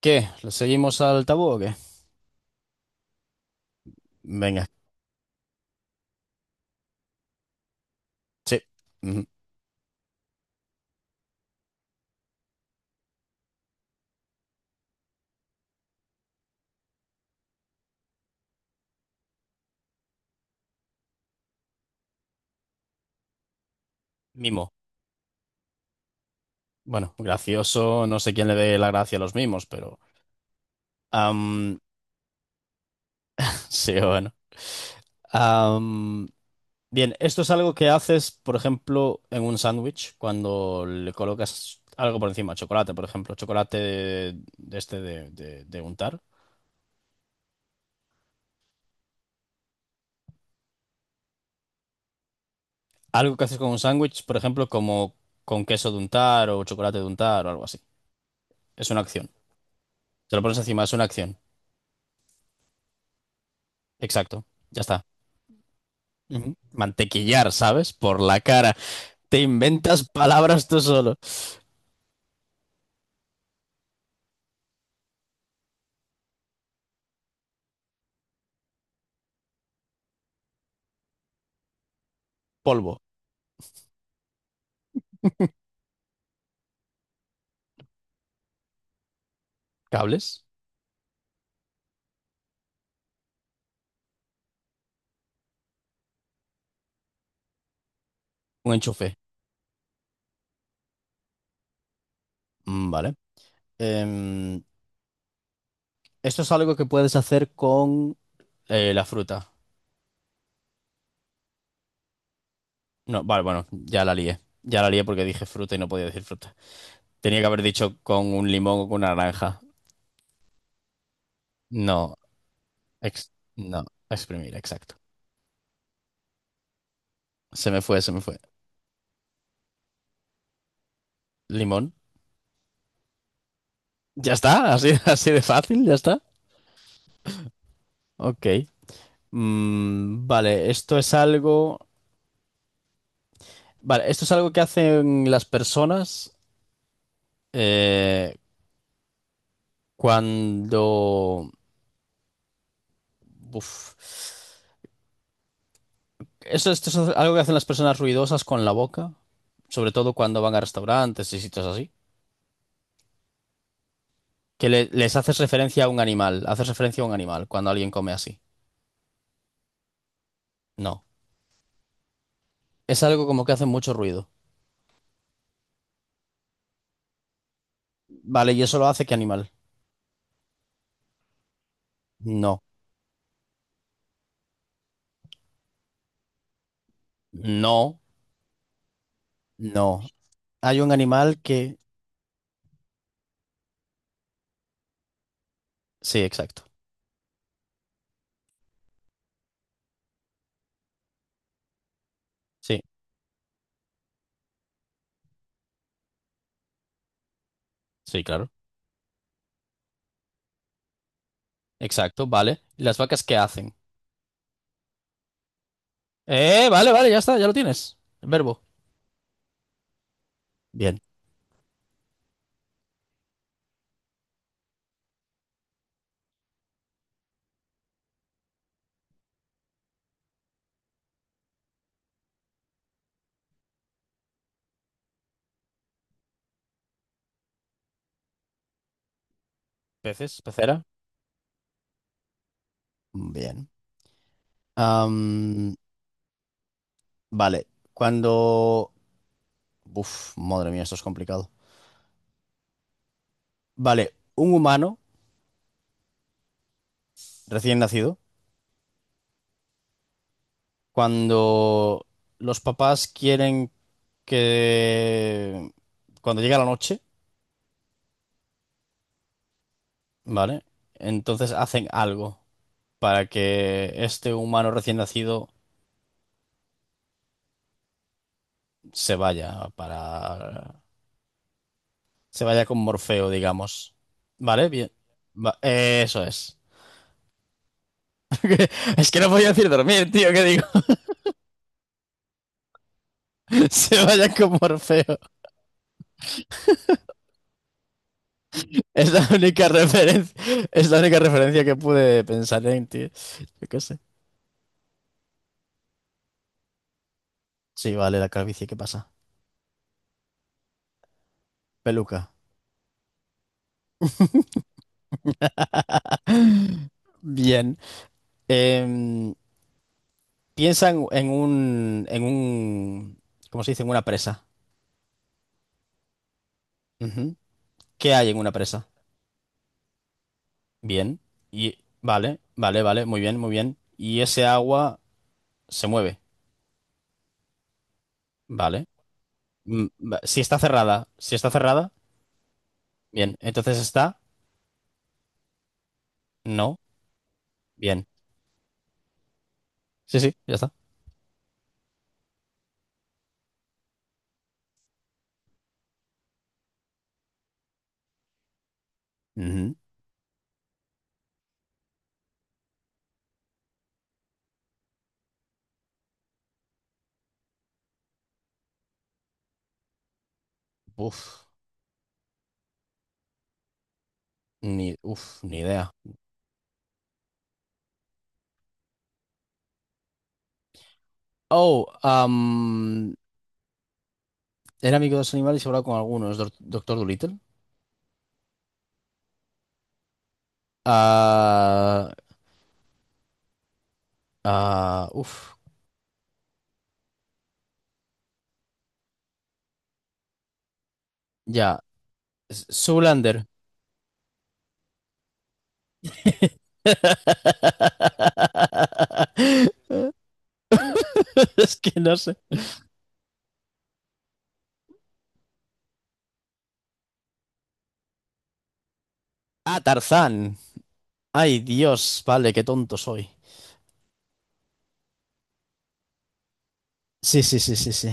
¿Qué? ¿Lo seguimos al tabú o qué? Venga, sí. Ujú. Mimo. Bueno, gracioso, no sé quién le dé la gracia a los mimos, pero. am, sí, bueno. Am, Bien, esto es algo que haces, por ejemplo, en un sándwich, cuando le colocas algo por encima, chocolate, por ejemplo, chocolate de este de untar. Algo que haces con un sándwich, por ejemplo, como con queso de untar o chocolate de untar o algo así. Es una acción. Te lo pones encima, es una acción. Exacto. Ya está. Ujú. Mantequillar, ¿sabes? Por la cara. Te inventas palabras tú solo. Polvo, cables, un enchufe. Mm, vale. Em, Esto es algo que puedes hacer con la fruta. No, vale, bueno, ya la lié. Ya la lié porque dije fruta y no podía decir fruta. Tenía que haber dicho con un limón o con una naranja. No, ex- no, exprimir, exacto. Se me fue, se me fue. Limón. Ya está, así, así de fácil, ya está. Ok. Vale, esto es algo. Vale, esto es algo que hacen las personas eh, cuando. Uf. Esto es algo que hacen las personas ruidosas con la boca, sobre todo cuando van a restaurantes y sitios así. Que les haces referencia a un animal, haces referencia a un animal cuando alguien come así. No. Es algo como que hace mucho ruido. Vale, ¿y eso lo hace qué animal? No. No, no. Hay un animal que. Sí, exacto. Sí, sí, claro. Exacto, vale. ¿Y las vacas qué hacen? Vale, vale, ya está, ya lo tienes. El verbo. Bien. Peces, pecera. Bien. Am, vale, cuando. Uf, madre mía, esto es complicado. Vale, un humano recién nacido, cuando los papás quieren que. Cuando llega la noche, ¿vale? Entonces hacen algo para que este humano recién nacido se vaya para se vaya con Morfeo, digamos. Vale, bien. Eso es. Es que no voy a decir dormir, tío, ¿qué digo? Se vaya con Morfeo. Es la única referencia que pude pensar en, tío. Yo qué sé. Sí, vale, la calvicie, ¿qué pasa? Peluca. Bien. Em, Piensa en un, ¿cómo se dice? En una presa. Ujú. ¿Qué hay en una presa? Bien. Y vale, vale, vale, muy bien, muy bien. Y ese agua se mueve. Vale. Si está cerrada, bien. Entonces está, no, bien. Sí, sí, ya está. Ujú. Uf, ni idea. Oh, era amigo de los animales y hablaba con algunos, Doctor Dolittle. Ah, ah, ya. Zoolander. Es que no sé. Ah, Tarzán. Ay, Dios, vale, qué tonto soy. Sí, sí, sí, sí, sí.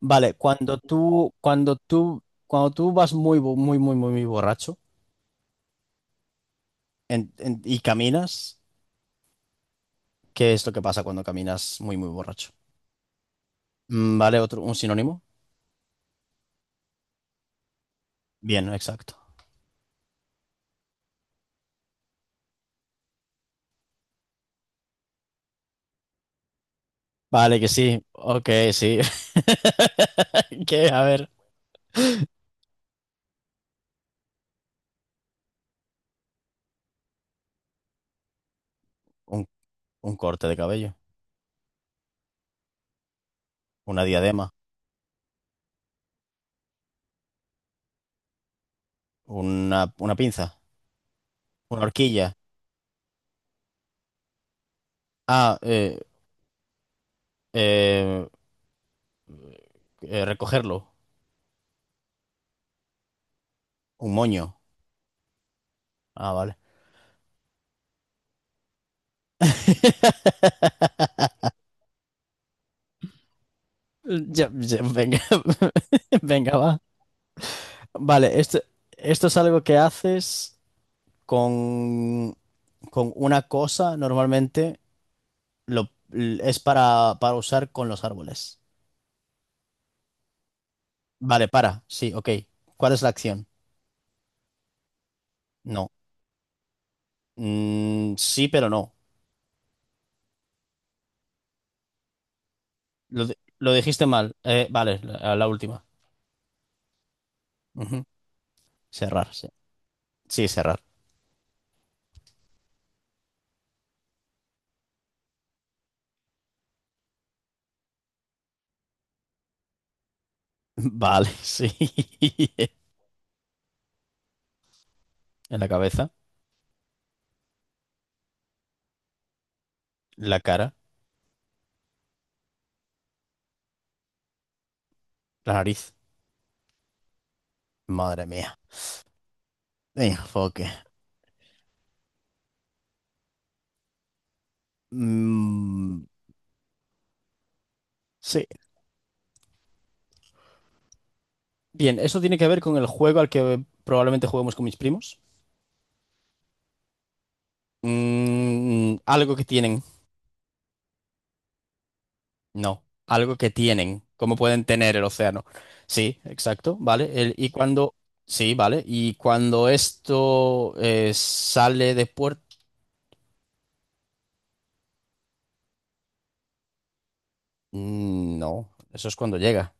Vale, cuando tú vas muy, muy, muy, muy, muy borracho y caminas, ¿qué es lo que pasa cuando caminas muy, muy borracho? Vale, otro, un sinónimo. Bien, exacto. Vale, que sí. Ok, sí. ¿Qué? A ver. Un, un corte de cabello. Una diadema. Una pinza. Una horquilla. Ah, eh, recogerlo. Un moño. Ah, vale. Ya, venga. Venga, va. Vale, esto es algo que haces con, con una cosa, normalmente lo, es para usar con los árboles. Vale, para, sí, ok. ¿Cuál es la acción? No. Mm, sí, pero no. Lo, di- lo dijiste mal. Vale, la última. Ujú. Cerrar, sí. Sí, cerrar. Vale, sí. En la cabeza, la cara, la nariz. Madre mía. Enfoque. Mm, sí. Bien, eso tiene que ver con el juego al que probablemente juguemos con mis primos. Algo que tienen. No, algo que tienen. ¿Cómo pueden tener el océano? Sí, exacto, ¿vale? Y cuando. Sí, ¿vale? Y cuando esto sale de puerto. Mm, no, eso es cuando llega.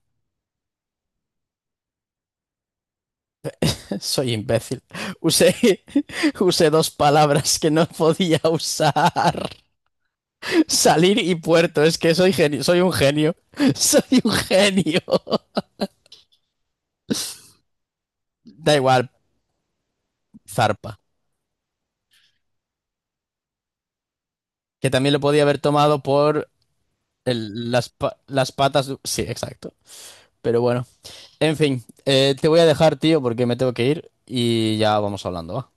Soy imbécil. Usé, usé dos palabras que no podía usar. Salir y puerto. Es que soy genio, soy un genio. Soy un genio. Da igual, Zarpa, que también lo podía haber tomado por las patas. Sí, exacto. Pero bueno, en fin, te voy a dejar, tío, porque me tengo que ir y ya vamos hablando, ¿va?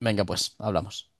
Venga, pues, hablamos.